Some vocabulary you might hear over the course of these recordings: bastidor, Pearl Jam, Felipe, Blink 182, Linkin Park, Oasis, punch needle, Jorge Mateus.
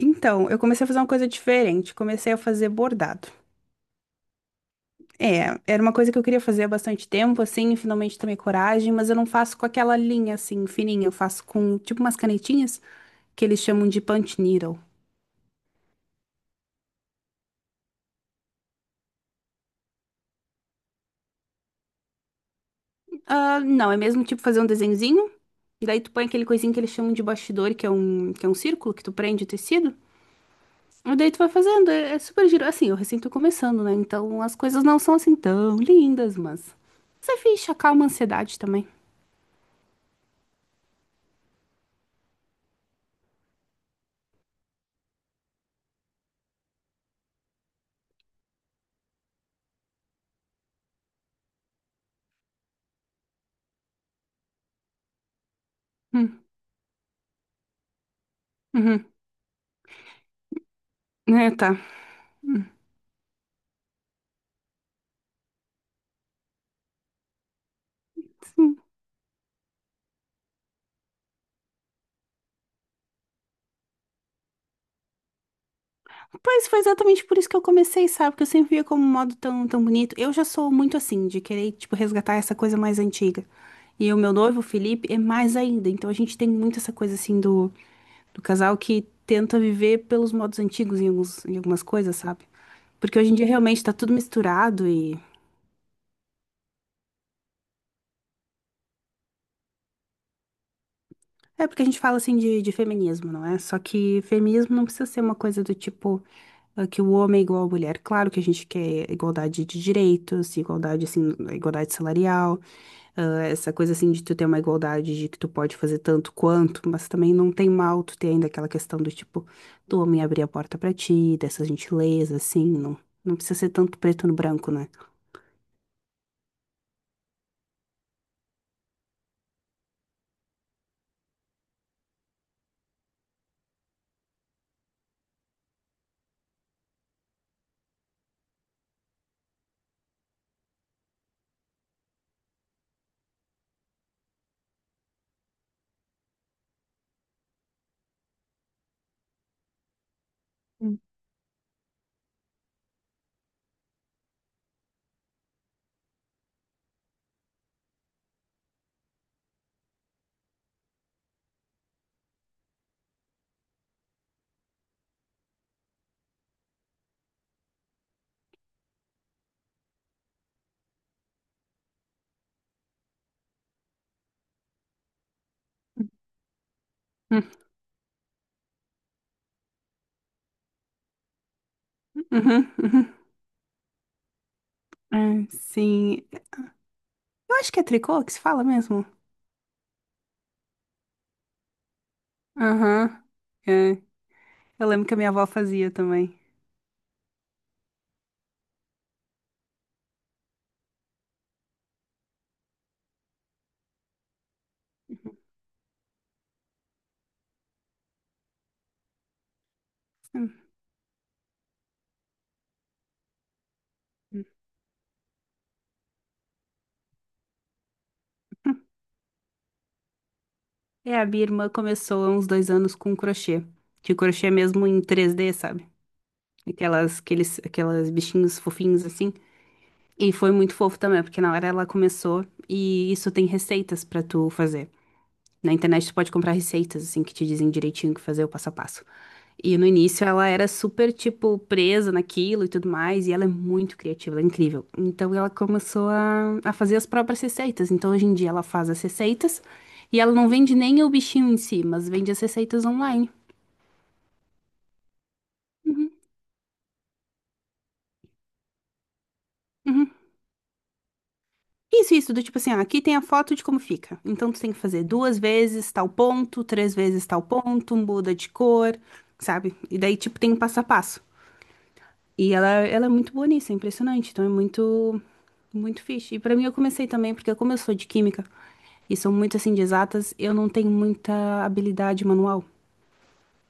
Então, eu comecei a fazer uma coisa diferente. Comecei a fazer bordado. É, era uma coisa que eu queria fazer há bastante tempo, assim, e finalmente tomei coragem, mas eu não faço com aquela linha, assim, fininha. Eu faço com, tipo, umas canetinhas, que eles chamam de punch needle. Ah, não, é mesmo, tipo, fazer um desenhozinho, e daí tu põe aquele coisinho que eles chamam de bastidor, que é um círculo que tu prende o tecido, e daí tu vai fazendo. É, é super giro. Assim, eu recém tô começando, né? Então, as coisas não são, assim, tão lindas, mas. Você ficha, acalma a ansiedade também. Hum, uhum. É, tá. Hum. Hum. Pois foi exatamente por isso que eu comecei, sabe? Porque eu sempre via como um modo tão, tão bonito. Eu já sou muito assim, de querer, tipo, resgatar essa coisa mais antiga. E o meu noivo, o Felipe, é mais ainda. Então a gente tem muito essa coisa assim do casal que tenta viver pelos modos antigos em, algumas coisas, sabe? Porque hoje em dia realmente tá tudo misturado e é porque a gente fala assim de feminismo, não é? Só que feminismo não precisa ser uma coisa do tipo que o homem é igual à mulher. Claro que a gente quer igualdade de direitos, igualdade assim, igualdade salarial, essa coisa assim de tu ter uma igualdade de que tu pode fazer tanto quanto, mas também não tem mal tu ter ainda aquela questão do tipo do homem abrir a porta pra ti, dessa gentileza, assim, não, não precisa ser tanto preto no branco, né? Uhum, uhum, uhum. Ah, sim. Eu acho que é tricô que se fala mesmo. Aham. Eu lembro que a minha avó fazia também. É, a minha irmã começou há uns 2 anos com crochê. De crochê mesmo em 3D, sabe? Aquelas bichinhos fofinhos assim. E foi muito fofo também, porque na hora ela começou e isso tem receitas pra tu fazer. Na internet tu pode comprar receitas, assim, que te dizem direitinho o que fazer, o passo a passo. E no início ela era super, tipo, presa naquilo e tudo mais, e ela é muito criativa, ela é incrível. Então ela começou a fazer as próprias receitas. Então hoje em dia ela faz as receitas e ela não vende nem o bichinho em si, mas vende as receitas online. Uhum, uhum. Isso, do tipo assim, ah, aqui tem a foto de como fica. Então tu tem que fazer duas vezes tal ponto, três vezes tal ponto, muda de cor, sabe? E daí, tipo, tem um passo a passo. E ela é muito boa nisso, é impressionante. Então é muito, muito fixe. E pra mim eu comecei também, porque como eu sou de química e sou muito assim de exatas, eu não tenho muita habilidade manual.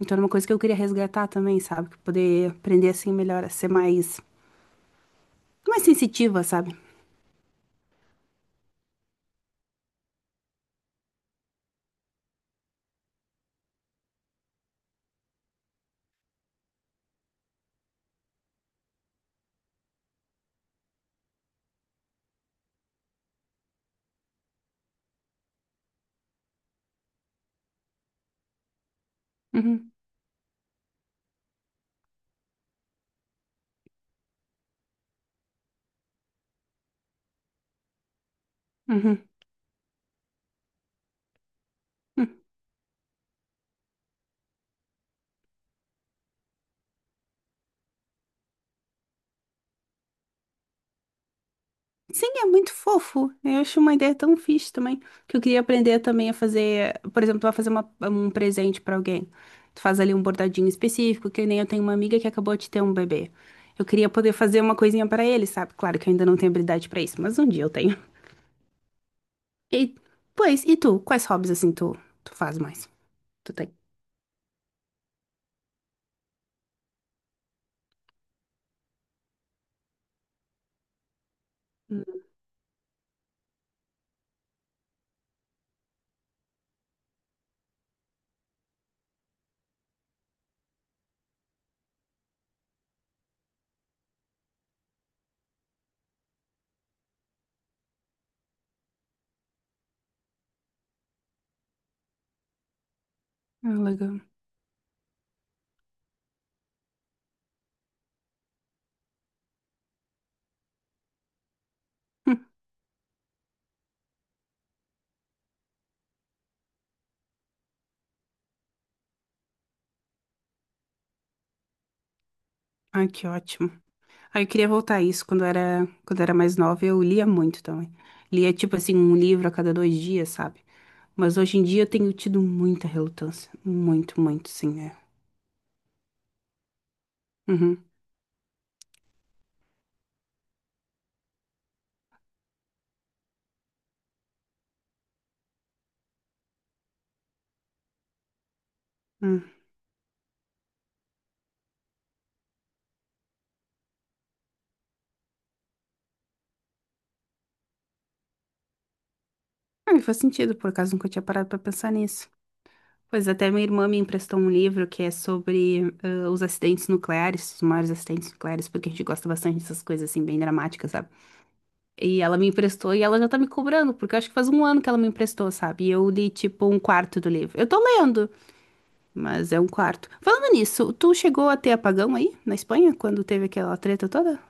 Então era uma coisa que eu queria resgatar também, sabe? Poder aprender assim melhor, a ser mais, mais sensitiva, sabe? Uhum, uhum, uhum. Sim, é muito fofo. Eu acho uma ideia tão fixe também. Que eu queria aprender também a fazer, por exemplo, a fazer um presente pra alguém. Tu faz ali um bordadinho específico, que nem eu tenho uma amiga que acabou de ter um bebê. Eu queria poder fazer uma coisinha pra ele, sabe? Claro que eu ainda não tenho habilidade pra isso, mas um dia eu tenho. E, pois, e tu? Quais hobbies assim tu faz mais? Tu tem? Hum. Ah, legal. Hum. Ai, que ótimo. Ah, eu queria voltar a isso quando eu era mais nova, eu lia muito também. Lia tipo assim um livro a cada 2 dias, sabe? Mas hoje em dia eu tenho tido muita relutância, muito, muito, sim, é. Uhum. Hum. Ah, me faz sentido, por acaso nunca tinha parado pra pensar nisso. Pois até minha irmã me emprestou um livro que é sobre os acidentes nucleares, os maiores acidentes nucleares, porque a gente gosta bastante dessas coisas assim bem dramáticas, sabe? E ela me emprestou e ela já tá me cobrando, porque eu acho que faz um ano que ela me emprestou, sabe? E eu li tipo um quarto do livro. Eu tô lendo. Mas é um quarto. Falando nisso, tu chegou a ter apagão aí, na Espanha, quando teve aquela treta toda?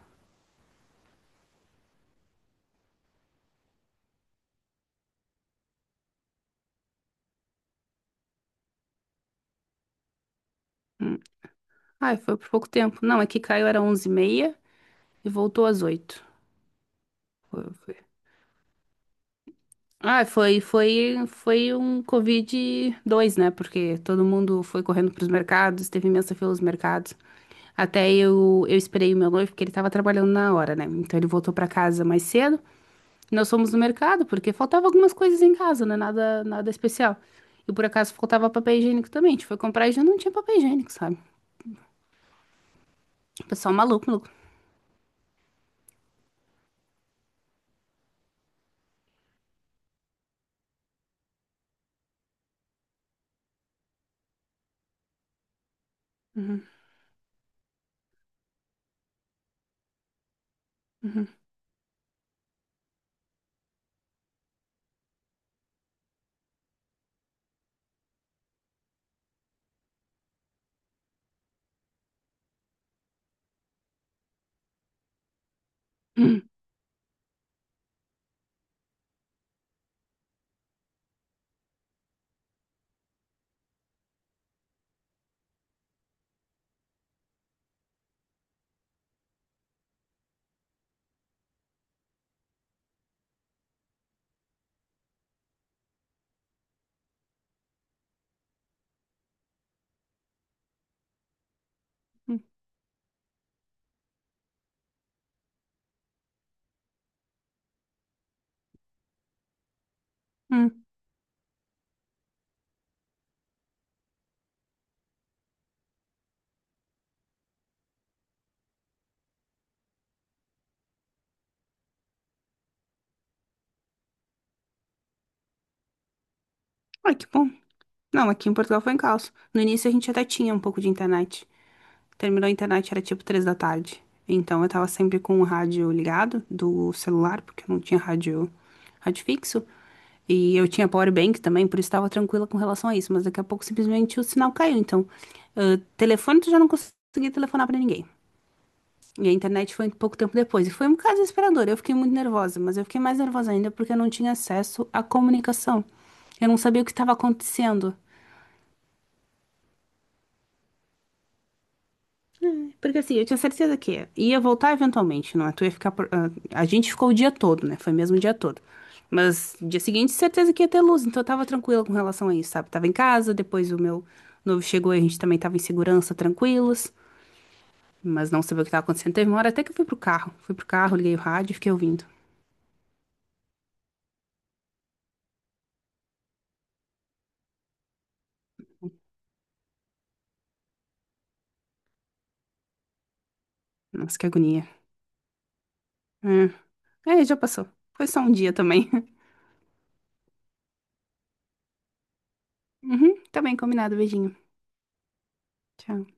Hum. Ai, foi por pouco tempo. Não, é que caiu era 11:30 e voltou às 8h. Foi, foi. Ah, foi um covid dois, né? Porque todo mundo foi correndo pros mercados, teve imensa fila nos mercados. Até eu esperei o meu noivo, porque ele tava trabalhando na hora, né? Então ele voltou pra casa mais cedo. Nós fomos no mercado, porque faltava algumas coisas em casa, né? Nada, nada especial. E por acaso faltava papel higiênico também. A gente foi comprar e já não tinha papel higiênico, sabe? O pessoal maluco, maluco. Uhum, uhum, uhum. Hum. Ai, que bom. Não, aqui em Portugal foi em caos. No início a gente até tinha um pouco de internet. Terminou a internet, era tipo 3 da tarde. Então eu tava sempre com o rádio ligado do celular, porque eu não tinha rádio, rádio fixo. E eu tinha power bank também, por isso estava tranquila com relação a isso. Mas daqui a pouco simplesmente o sinal caiu. Então, telefone tu já não conseguia telefonar pra ninguém. E a internet foi um pouco tempo depois. E foi um caso desesperador. Eu fiquei muito nervosa, mas eu fiquei mais nervosa ainda porque eu não tinha acesso à comunicação. Eu não sabia o que estava acontecendo. Porque assim, eu tinha certeza que ia voltar eventualmente, não é? Tu ia ficar. A gente ficou o dia todo, né? Foi mesmo o dia todo. Mas dia seguinte, certeza que ia ter luz, então eu tava tranquila com relação a isso, sabe? Tava em casa, depois o meu noivo chegou e a gente também tava em segurança, tranquilos. Mas não sabia o que tava acontecendo. Teve uma hora até que eu fui pro carro. Fui pro carro, liguei o rádio e fiquei ouvindo. Nossa, que agonia. É, é, já passou. Foi só um dia também. Uhum, tá bem, combinado. Beijinho. Tchau.